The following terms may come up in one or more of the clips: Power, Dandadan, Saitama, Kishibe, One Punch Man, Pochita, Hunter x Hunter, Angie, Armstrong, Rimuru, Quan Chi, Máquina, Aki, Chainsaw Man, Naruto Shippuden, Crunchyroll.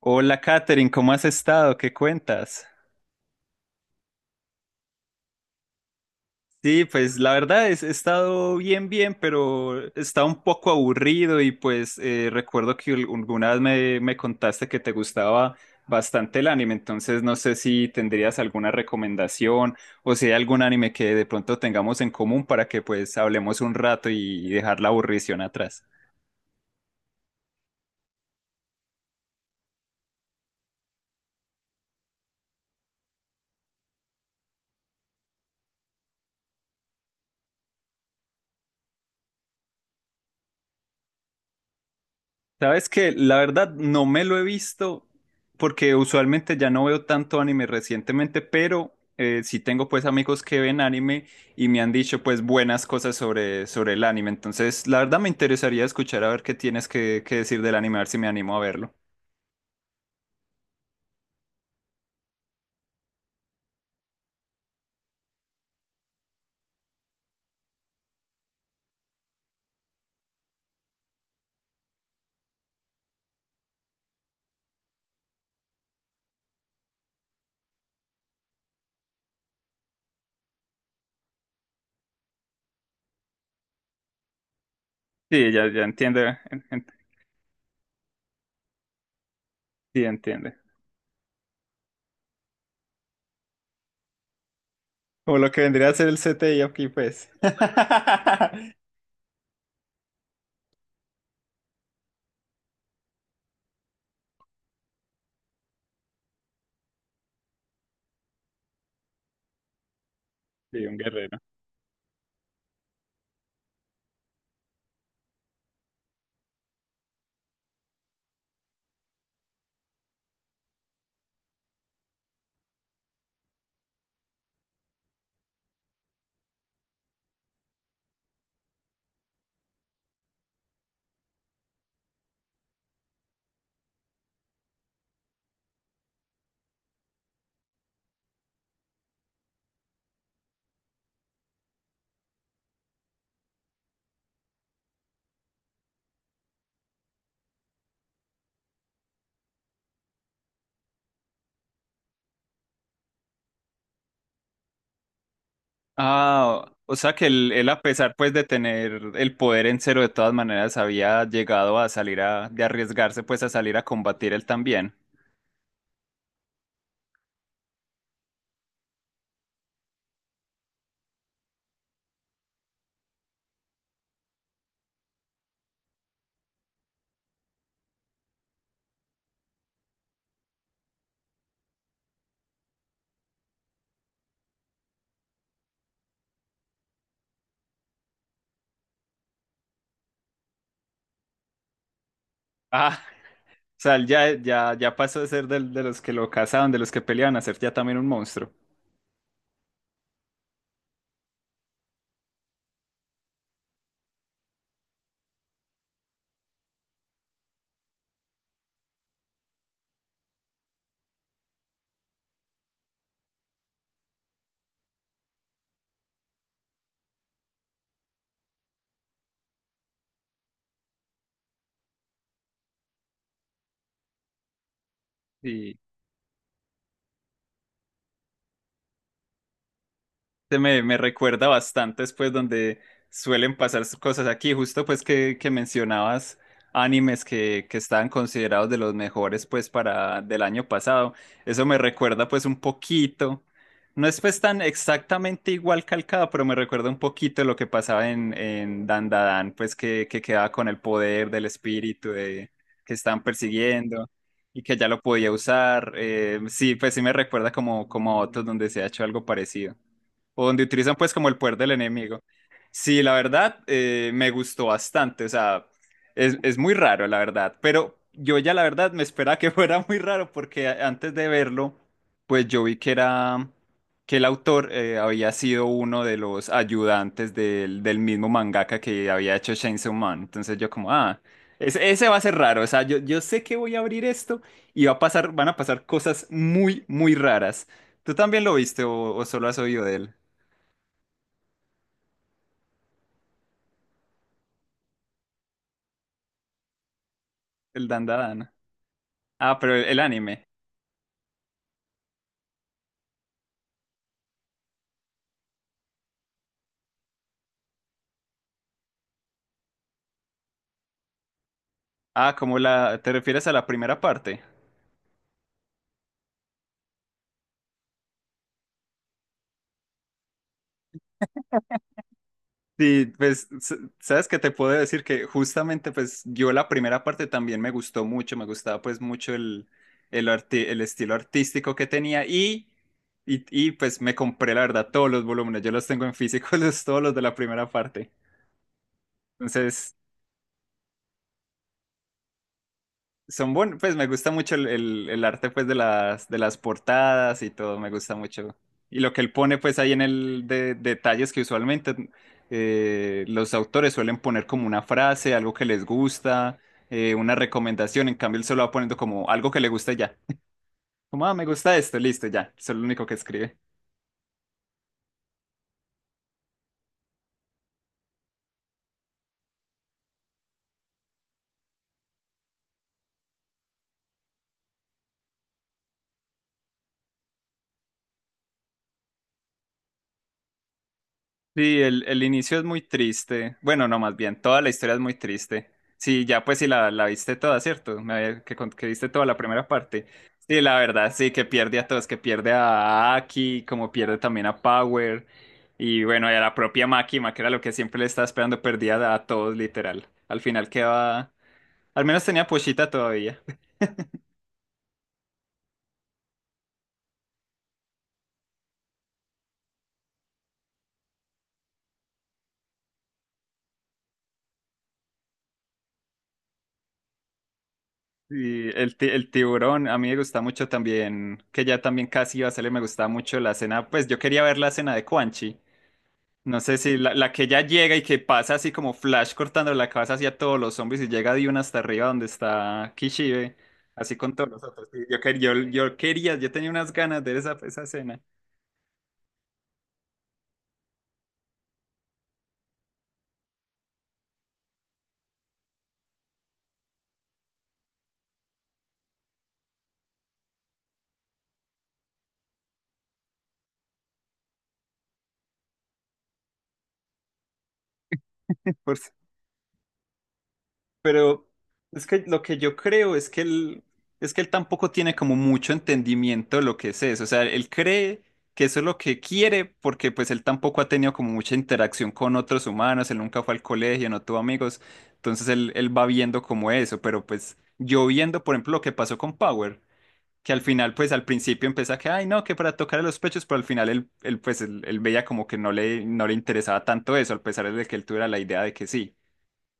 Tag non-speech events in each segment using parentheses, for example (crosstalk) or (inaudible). Hola, Katherine, ¿cómo has estado? ¿Qué cuentas? Sí, pues la verdad es, he estado bien, bien, pero está un poco aburrido y pues recuerdo que alguna vez me contaste que te gustaba bastante el anime, entonces no sé si tendrías alguna recomendación o si hay algún anime que de pronto tengamos en común para que pues hablemos un rato y dejar la aburrición atrás. Sabes que la verdad no me lo he visto porque usualmente ya no veo tanto anime recientemente, pero sí tengo pues amigos que ven anime y me han dicho pues buenas cosas sobre el anime. Entonces, la verdad me interesaría escuchar a ver qué tienes que decir del anime, a ver si me animo a verlo. Sí, ya, ya entiende, sí entiende. Como lo que vendría a ser el CTI aquí pues. (laughs) Sí, un guerrero. Ah, o sea que él, a pesar pues de tener el poder en cero, de todas maneras había llegado a salir de arriesgarse pues a salir a combatir él también. Ah, o sea, él ya pasó de ser los que lo cazaban, de los que peleaban, a ser ya también un monstruo. Sí. Me recuerda bastante después donde suelen pasar cosas aquí, justo pues que mencionabas animes que estaban considerados de los mejores pues para del año pasado. Eso me recuerda pues un poquito, no es pues tan exactamente igual calcado, pero me recuerda un poquito lo que pasaba en Dandadan, pues que quedaba con el poder del espíritu de, que estaban persiguiendo y que ya lo podía usar. Sí, pues sí me recuerda como a otros donde se ha hecho algo parecido o donde utilizan pues como el poder del enemigo. Sí, la verdad, me gustó bastante, o sea, es muy raro, la verdad, pero yo ya la verdad me esperaba que (laughs) fuera muy raro porque antes de verlo, pues yo vi que era, que el autor había sido uno de los ayudantes del mismo mangaka que había hecho Chainsaw Man, entonces yo como, ah, ese va a ser raro, o sea, yo sé que voy a abrir esto y van a pasar cosas muy, muy raras. ¿Tú también lo viste o solo has oído de él? El Dandadan. Ah, pero el anime. Ah, ¿Te refieres a la primera parte? Sí, pues, sabes que te puedo decir que justamente, pues, yo la primera parte también me gustó mucho, me gustaba, pues, mucho el estilo artístico que tenía pues, me compré, la verdad, todos los volúmenes, yo los tengo en físico, (laughs) los, todos los de la primera parte. Entonces, son buenos, pues me gusta mucho el arte pues de las portadas y todo, me gusta mucho. Y lo que él pone pues ahí detalles que usualmente los autores suelen poner como una frase, algo que les gusta, una recomendación, en cambio él solo va poniendo como algo que le gusta y ya. Como, ah, me gusta esto, listo, ya, eso es lo único que escribe. Sí, el inicio es muy triste. Bueno, no, más bien, toda la historia es muy triste. Sí, ya pues sí la viste toda, ¿cierto? Me había- que, con- Que viste toda la primera parte. Sí, la verdad, sí, que pierde a todos, que pierde a Aki, como pierde también a Power. Y bueno, y a la propia Máquina, que era lo que siempre le estaba esperando, perdía a todos, literal. Al final queda... Al menos tenía Pochita todavía. (laughs) Y el tiburón, a mí me gusta mucho también, que ya también casi iba a salir, me gustaba mucho la escena, pues yo quería ver la escena de Quan Chi. No sé si la que ya llega y que pasa así como Flash cortando la cabeza hacia todos los zombies y llega de una hasta arriba donde está Kishibe, así con todos los otros. Y Yo, quer- yo quería, yo tenía unas ganas de ver esa escena. (laughs) Pero es que lo que yo creo es que es que él tampoco tiene como mucho entendimiento de lo que es eso. O sea, él cree que eso es lo que quiere porque pues él tampoco ha tenido como mucha interacción con otros humanos, él nunca fue al colegio, no tuvo amigos. Entonces él va viendo como eso, pero pues yo viendo, por ejemplo, lo que pasó con Power, que al final pues al principio empieza que, ay no, que para tocarle los pechos, pero al final él veía como que no le interesaba tanto eso, a pesar de que él tuviera la idea de que sí.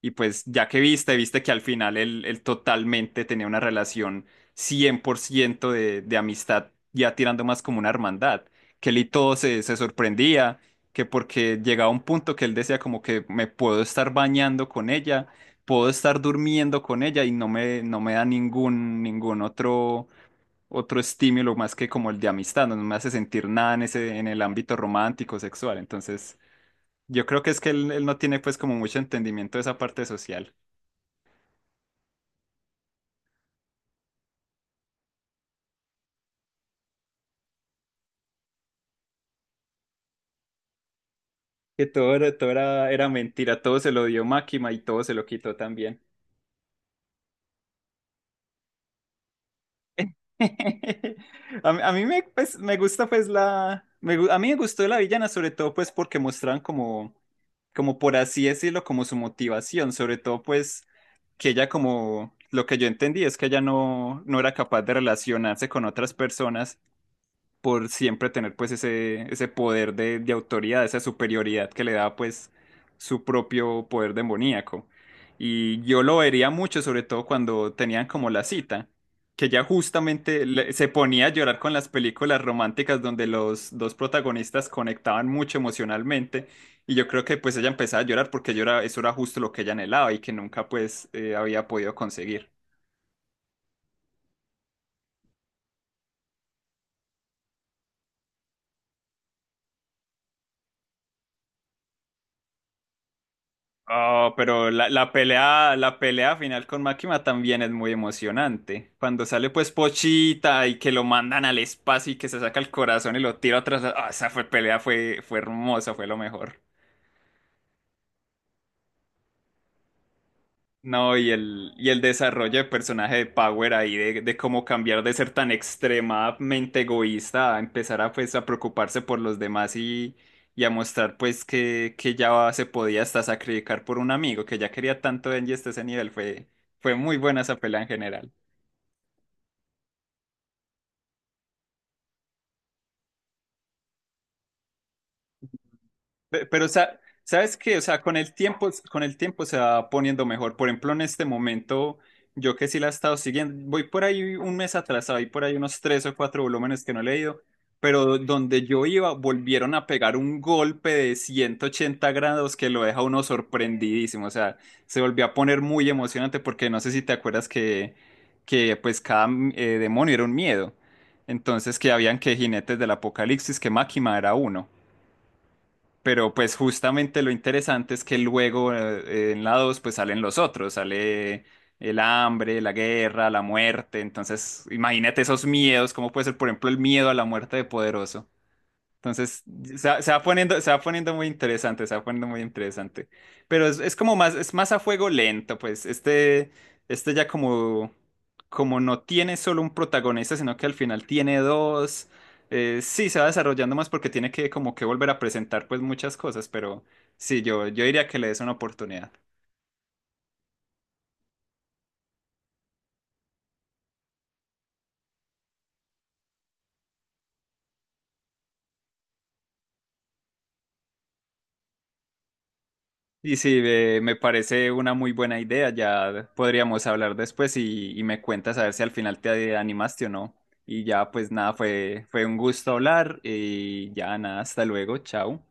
Y pues ya que viste que al final él totalmente tenía una relación 100% de amistad, ya tirando más como una hermandad, que él y todo se sorprendía, que porque llegaba un punto que él decía como que me puedo estar bañando con ella, puedo estar durmiendo con ella y no me da ningún otro estímulo más que como el de amistad, no me hace sentir nada en en el ámbito romántico, sexual. Entonces, yo creo que es que él no tiene pues como mucho entendimiento de esa parte social. Que todo era mentira, todo se lo dio Máquina y todo se lo quitó también. (laughs) A mí me, pues, me gusta pues la... me gu- A mí me gustó la villana sobre todo pues porque mostraban como por así decirlo, como su motivación. Sobre todo pues que ella como... Lo que yo entendí es que ella no era capaz de relacionarse con otras personas por siempre tener pues ese poder de autoridad, esa superioridad que le da pues su propio poder demoníaco. Y yo lo vería mucho, sobre todo cuando tenían como la cita, que ya justamente se ponía a llorar con las películas románticas donde los dos protagonistas conectaban mucho emocionalmente y yo creo que pues ella empezaba a llorar porque eso era justo lo que ella anhelaba y que nunca pues había podido conseguir. Oh, pero la pelea final con Máquina también es muy emocionante. Cuando sale pues Pochita y que lo mandan al espacio y que se saca el corazón y lo tira atrás. Ah, esa fue pelea, fue hermosa, fue lo mejor. No, y y el desarrollo de personaje de Power ahí, de cómo cambiar de ser tan extremadamente egoísta a empezar a, pues, a preocuparse por los demás y a mostrar pues que ya se podía hasta sacrificar por un amigo, que ya quería tanto a Angie hasta ese nivel, fue muy buena esa pelea en general. Pero, ¿sabes qué? O sea, con el tiempo se va poniendo mejor. Por ejemplo, en este momento, yo que sí la he estado siguiendo, voy por ahí un mes atrasado, hay por ahí unos tres o cuatro volúmenes que no he leído, pero donde yo iba, volvieron a pegar un golpe de 180 grados que lo deja a uno sorprendidísimo. O sea, se volvió a poner muy emocionante porque no sé si te acuerdas que pues cada demonio era un miedo. Entonces, que habían que jinetes del apocalipsis, que Máquina era uno. Pero pues justamente lo interesante es que luego en la 2 pues salen los otros, sale el hambre, la guerra, la muerte, entonces imagínate esos miedos, cómo puede ser por ejemplo el miedo a la muerte de Poderoso. Entonces, se va poniendo muy interesante, se va poniendo muy interesante. Pero es más a fuego lento, pues. Este ya como no tiene solo un protagonista, sino que al final tiene dos. Sí, se va desarrollando más porque tiene que como que volver a presentar pues muchas cosas, pero sí, yo diría que le des una oportunidad. Y sí, me parece una muy buena idea. Ya podríamos hablar después y me cuentas a ver si al final te animaste o no. Y ya, pues nada, fue un gusto hablar y ya nada, hasta luego, chao.